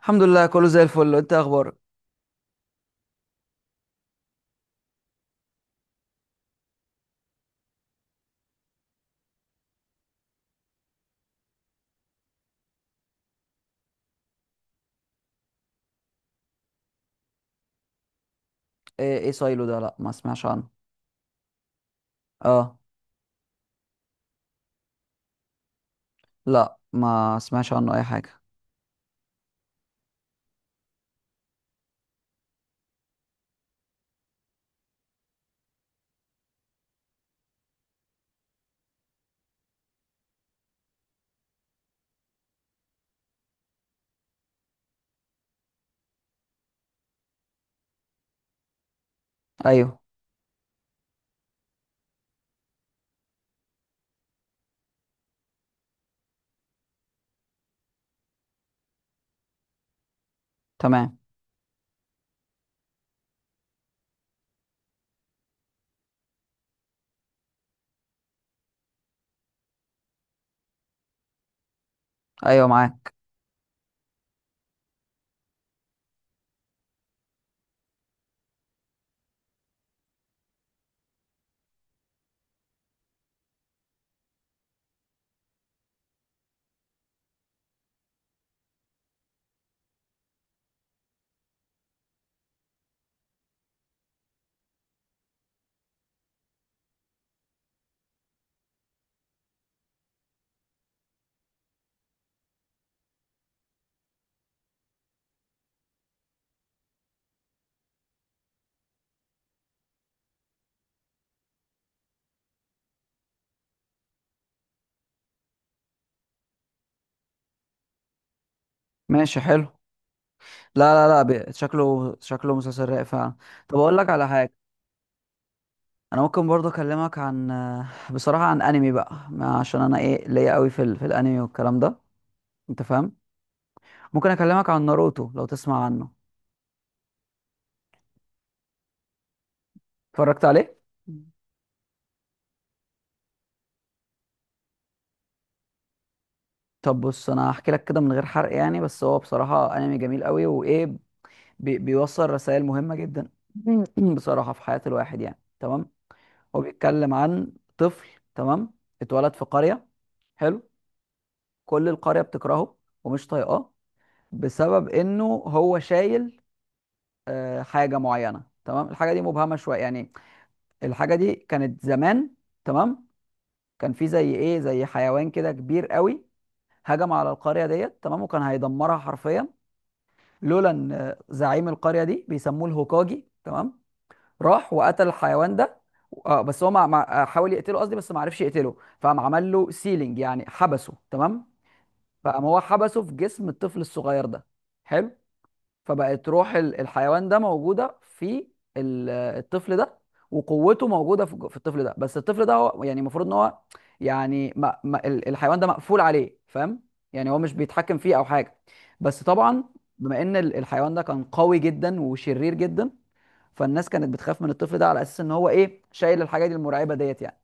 الحمد لله، كله زي الفل. انت ايه اخبارك؟ ايه ايه سايلو ده؟ لا، ما اسمعش عنه. اه. لا، ما اسمعش عنه اي حاجه. ايوه، تمام. ايوه معاك. ماشي، حلو. لا لا لا، شكله شكله مسلسل رايق فعلا. طب اقول لك على حاجه، انا ممكن برضه اكلمك عن، بصراحه، عن انمي بقى، عشان انا ايه ليا قوي في في الانمي والكلام ده، انت فاهم؟ ممكن اكلمك عن ناروتو لو تسمع عنه؟ اتفرجت عليه؟ طب بص، انا هحكي لك كده من غير حرق يعني، بس هو بصراحه انمي جميل قوي، وايه، بيوصل رسائل مهمة جدا. بصراحة، في حياة الواحد يعني. تمام. هو بيتكلم عن طفل، تمام، اتولد في قرية. حلو. كل القرية بتكرهه ومش طايقاه، بسبب انه هو شايل، حاجة معينة. تمام. الحاجة دي مبهمة شوية يعني. الحاجة دي كانت زمان، تمام. كان في زي ايه، زي حيوان كده كبير قوي، هجم على القرية ديت، تمام، وكان هيدمرها حرفيا، لولا ان زعيم القرية دي، بيسموه الهوكاجي، تمام، راح وقتل الحيوان ده. اه بس هو حاول يقتله قصدي، بس ما عرفش يقتله، فقام عمل له سيلينج، يعني حبسه. تمام. فقام هو حبسه في جسم الطفل الصغير ده. حلو. فبقت روح الحيوان ده موجوده في الطفل ده، وقوته موجوده في الطفل ده، بس الطفل ده هو يعني المفروض ان هو، يعني، ما... ما... الحيوان ده مقفول عليه، فاهم؟ يعني هو مش بيتحكم فيه او حاجه. بس طبعا، بما ان الحيوان ده كان قوي جدا وشرير جدا، فالناس كانت بتخاف من الطفل ده، على اساس ان هو ايه، شايل الحاجات المرعبه ديت يعني.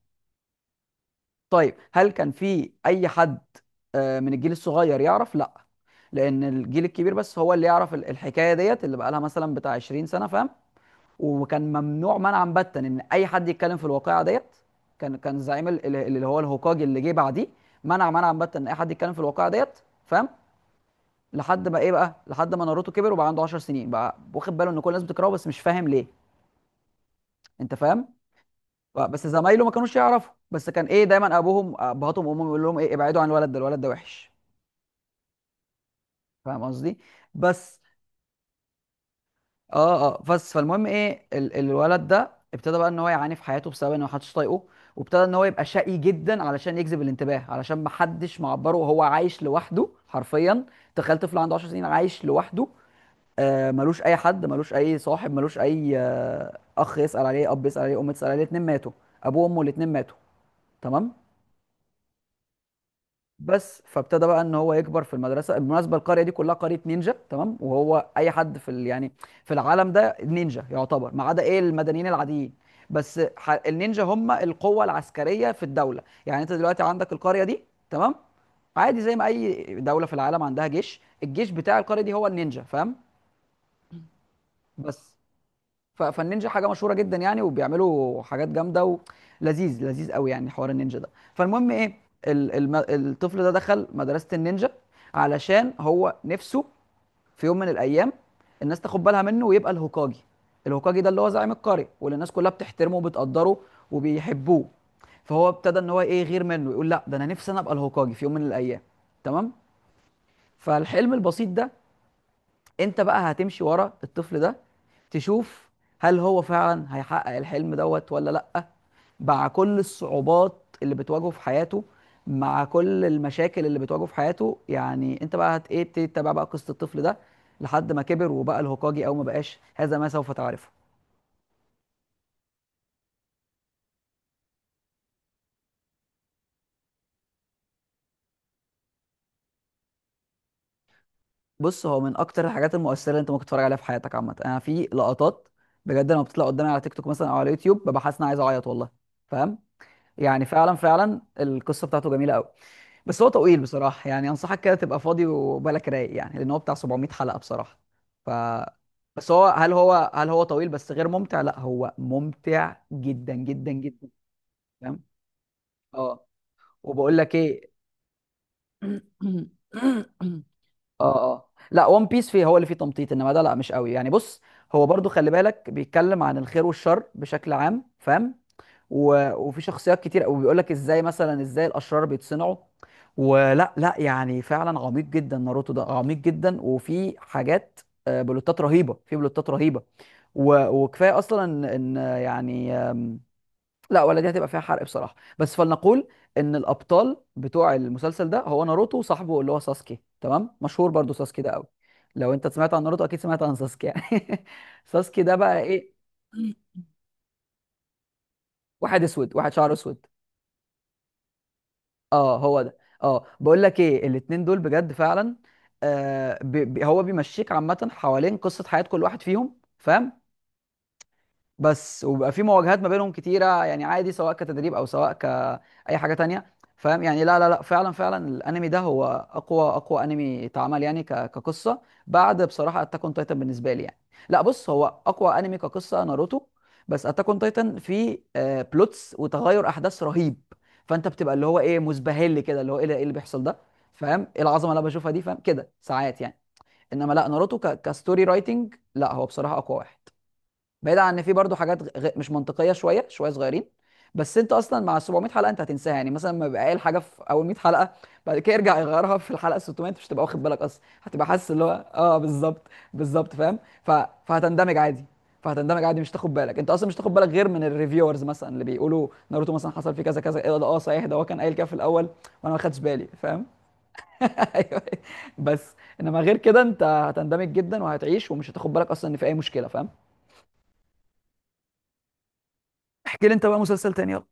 طيب، هل كان في اي حد من الجيل الصغير يعرف؟ لا، لان الجيل الكبير بس هو اللي يعرف الحكايه ديت، اللي بقى لها مثلا بتاع 20 سنة سنه، فاهم؟ وكان ممنوع منعا باتا ان اي حد يتكلم في الواقعه ديت. كان زعيم اللي هو الهوكاجي اللي جه بعديه، منع منعا باتا ان اي حد يتكلم في الواقعه ديت، فاهم؟ لحد ما ايه بقى، لحد ما ناروتو كبر وبقى عنده 10 سنين، بقى واخد باله ان كل الناس بتكرهه بس مش فاهم ليه، انت فاهم؟ بس زمايله ما كانوش يعرفوا، بس كان ايه، دايما ابوهم ابهاتهم وامهم يقول لهم ايه، ابعدوا عن الولد ده، الولد ده وحش، فاهم قصدي؟ بس اه بس فالمهم ايه، الولد ده ابتدى بقى ان هو يعاني في حياته بسبب ان محدش طايقه، وابتدى ان هو يبقى شقي جدا علشان يجذب الانتباه، علشان محدش معبره، وهو عايش لوحده حرفيا. تخيل طفل عنده 10 سنين عايش لوحده، آه، ملوش اي حد، ملوش اي صاحب، ملوش اي اخ يسأل عليه، اب يسأل عليه، ام تسأل عليه. الاتنين ماتوا، ابوه وامه الاتنين ماتوا. تمام. بس فابتدى بقى ان هو يكبر في المدرسه. بالمناسبه، القريه دي كلها قريه نينجا. تمام. وهو اي حد في يعني في العالم ده نينجا، يعتبر، ما عدا ايه، المدنيين العاديين. بس النينجا هم القوه العسكريه في الدوله، يعني انت دلوقتي عندك القريه دي، تمام، عادي زي ما اي دوله في العالم عندها جيش، الجيش بتاع القريه دي هو النينجا، فاهم؟ بس فالنينجا حاجه مشهوره جدا يعني، وبيعملوا حاجات جامده، ولذيذ قوي يعني حوار النينجا ده. فالمهم ايه، الطفل ده دخل مدرسه النينجا، علشان هو نفسه في يوم من الايام الناس تاخد بالها منه ويبقى الهوكاجي. الهوكاجي ده اللي هو زعيم القريه، واللي الناس كلها بتحترمه وبتقدره وبيحبوه. فهو ابتدى ان هو ايه، يغير منه، يقول لا، ده انا نفسي انا ابقى الهوكاجي في يوم من الايام. تمام. فالحلم البسيط ده، انت بقى هتمشي ورا الطفل ده، تشوف هل هو فعلا هيحقق الحلم دوت ولا لأ، مع كل الصعوبات اللي بتواجهه في حياته، مع كل المشاكل اللي بتواجهه في حياته، يعني انت بقى هت ايه، تتابع بقى قصة الطفل ده لحد ما كبر وبقى الهوكاجي او ما بقاش، هذا ما سوف تعرفه. بص، هو من اكتر الحاجات المؤثرة اللي انت ممكن تتفرج عليها في حياتك عامة. انا في لقطات بجد لما بتطلع قدامي على تيك توك مثلا او على يوتيوب، ببقى حاسس ان انا عايز اعيط والله، فاهم؟ يعني فعلا فعلا القصة بتاعته جميلة قوي. بس هو طويل بصراحة، يعني أنصحك كده تبقى فاضي وبالك رايق، يعني لأن هو بتاع 700 حلقة بصراحة. ف بس هو هل هو، هل هو طويل بس غير ممتع؟ لا، هو ممتع جدا جدا جدا، فاهم؟ اه. وبقول لك ايه، اه لا، ون بيس فيه، هو اللي فيه تمطيط، انما ده لا مش قوي يعني. بص، هو برضو خلي بالك، بيتكلم عن الخير والشر بشكل عام، فاهم؟ وفي شخصيات كتير قوي، بيقول لك ازاي مثلا، ازاي الاشرار بيتصنعوا. ولا لا، يعني فعلا عميق جدا ناروتو ده، عميق جدا، وفي حاجات، بلوتات رهيبه، في بلوتات رهيبه. وكفايه اصلا ان إن، آه، يعني آم، لا ولا دي هتبقى فيها حرق بصراحه، بس فلنقول ان الابطال بتوع المسلسل ده هو ناروتو وصاحبه اللي هو ساسكي، تمام، مشهور برضو ساسكي ده قوي. لو انت سمعت عن ناروتو اكيد سمعت عن ساسكي يعني. ساسكي ده بقى ايه، واحد اسود، واحد شعره اسود. اه هو ده. اه، بقول لك ايه، الاتنين دول بجد فعلا. آه بي بي هو بيمشيك عامه حوالين قصه حياه كل واحد فيهم، فاهم؟ بس، وبيبقى في مواجهات ما بينهم كتيره يعني، عادي، سواء كتدريب او سواء كاي حاجه تانية، فاهم يعني؟ لا لا لا، فعلا فعلا الانمي ده هو اقوى انمي اتعمل يعني، كقصه، بعد بصراحه اتاك اون تايتن بالنسبه لي يعني. لا بص، هو اقوى انمي كقصه ناروتو، بس اتاك اون تايتن فيه بلوتس وتغير احداث رهيب، فانت بتبقى اللي هو ايه، مزبهل كده، اللي هو ايه إيه اللي بيحصل ده، فاهم ايه العظمه اللي انا بشوفها دي، فاهم كده ساعات يعني. انما لا، ناروتو كستوري رايتنج، لا هو بصراحه اقوى واحد، بعيد عن ان في برضو حاجات مش منطقيه، شويه شويه صغيرين. بس انت اصلا مع 700 حلقة حلقه، انت هتنساها، يعني مثلا لما يبقى قايل حاجه في اول 100 حلقة حلقه، بعد كده يرجع يغيرها في الحلقه 600، انت مش هتبقى واخد بالك اصلا، هتبقى حاسس اللي هو اه بالظبط. بالظبط، فاهم؟ فهتندمج عادي، مش تاخد بالك، انت اصلا مش تاخد بالك غير من الريفيورز مثلا، اللي بيقولوا ناروتو مثلا حصل فيه كذا كذا، ايه ده، اه صحيح ده هو كان قايل كده في الاول وانا ما خدتش بالي، فاهم؟ ايوه. بس انما غير كده انت هتندمج جدا وهتعيش، ومش هتاخد بالك اصلا ان في اي مشكله، فاهم؟ احكي لي انت بقى مسلسل تاني، يلا.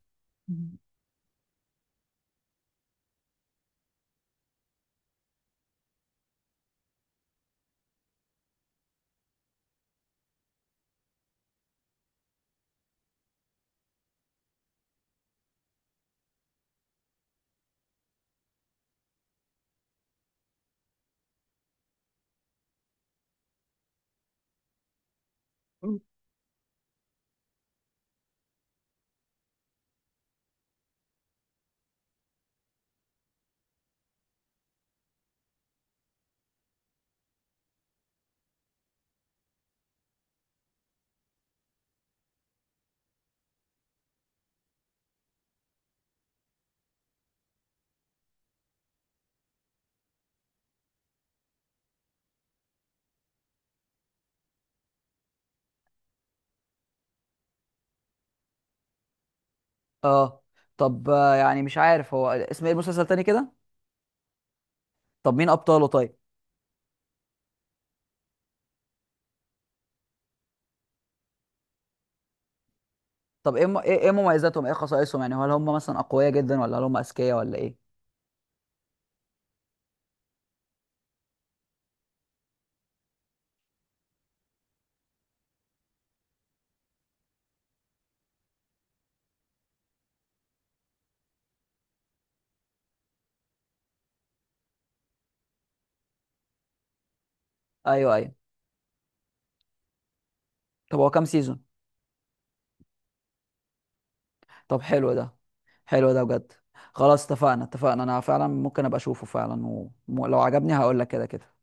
اه، طب، يعني مش عارف، هو اسم ايه المسلسل تاني كده؟ طب مين ابطاله طيب؟ طب ايه إيه مميزاتهم، ايه خصائصهم، يعني هل هم مثلا اقوياء جدا، ولا هل هم اذكياء، ولا ايه؟ ايوه ايوه. طب هو كام سيزون؟ طب حلو ده، حلو ده بجد. خلاص، اتفقنا اتفقنا، انا فعلا ممكن ابقى اشوفه فعلا، ولو عجبني هقول لك كده كده.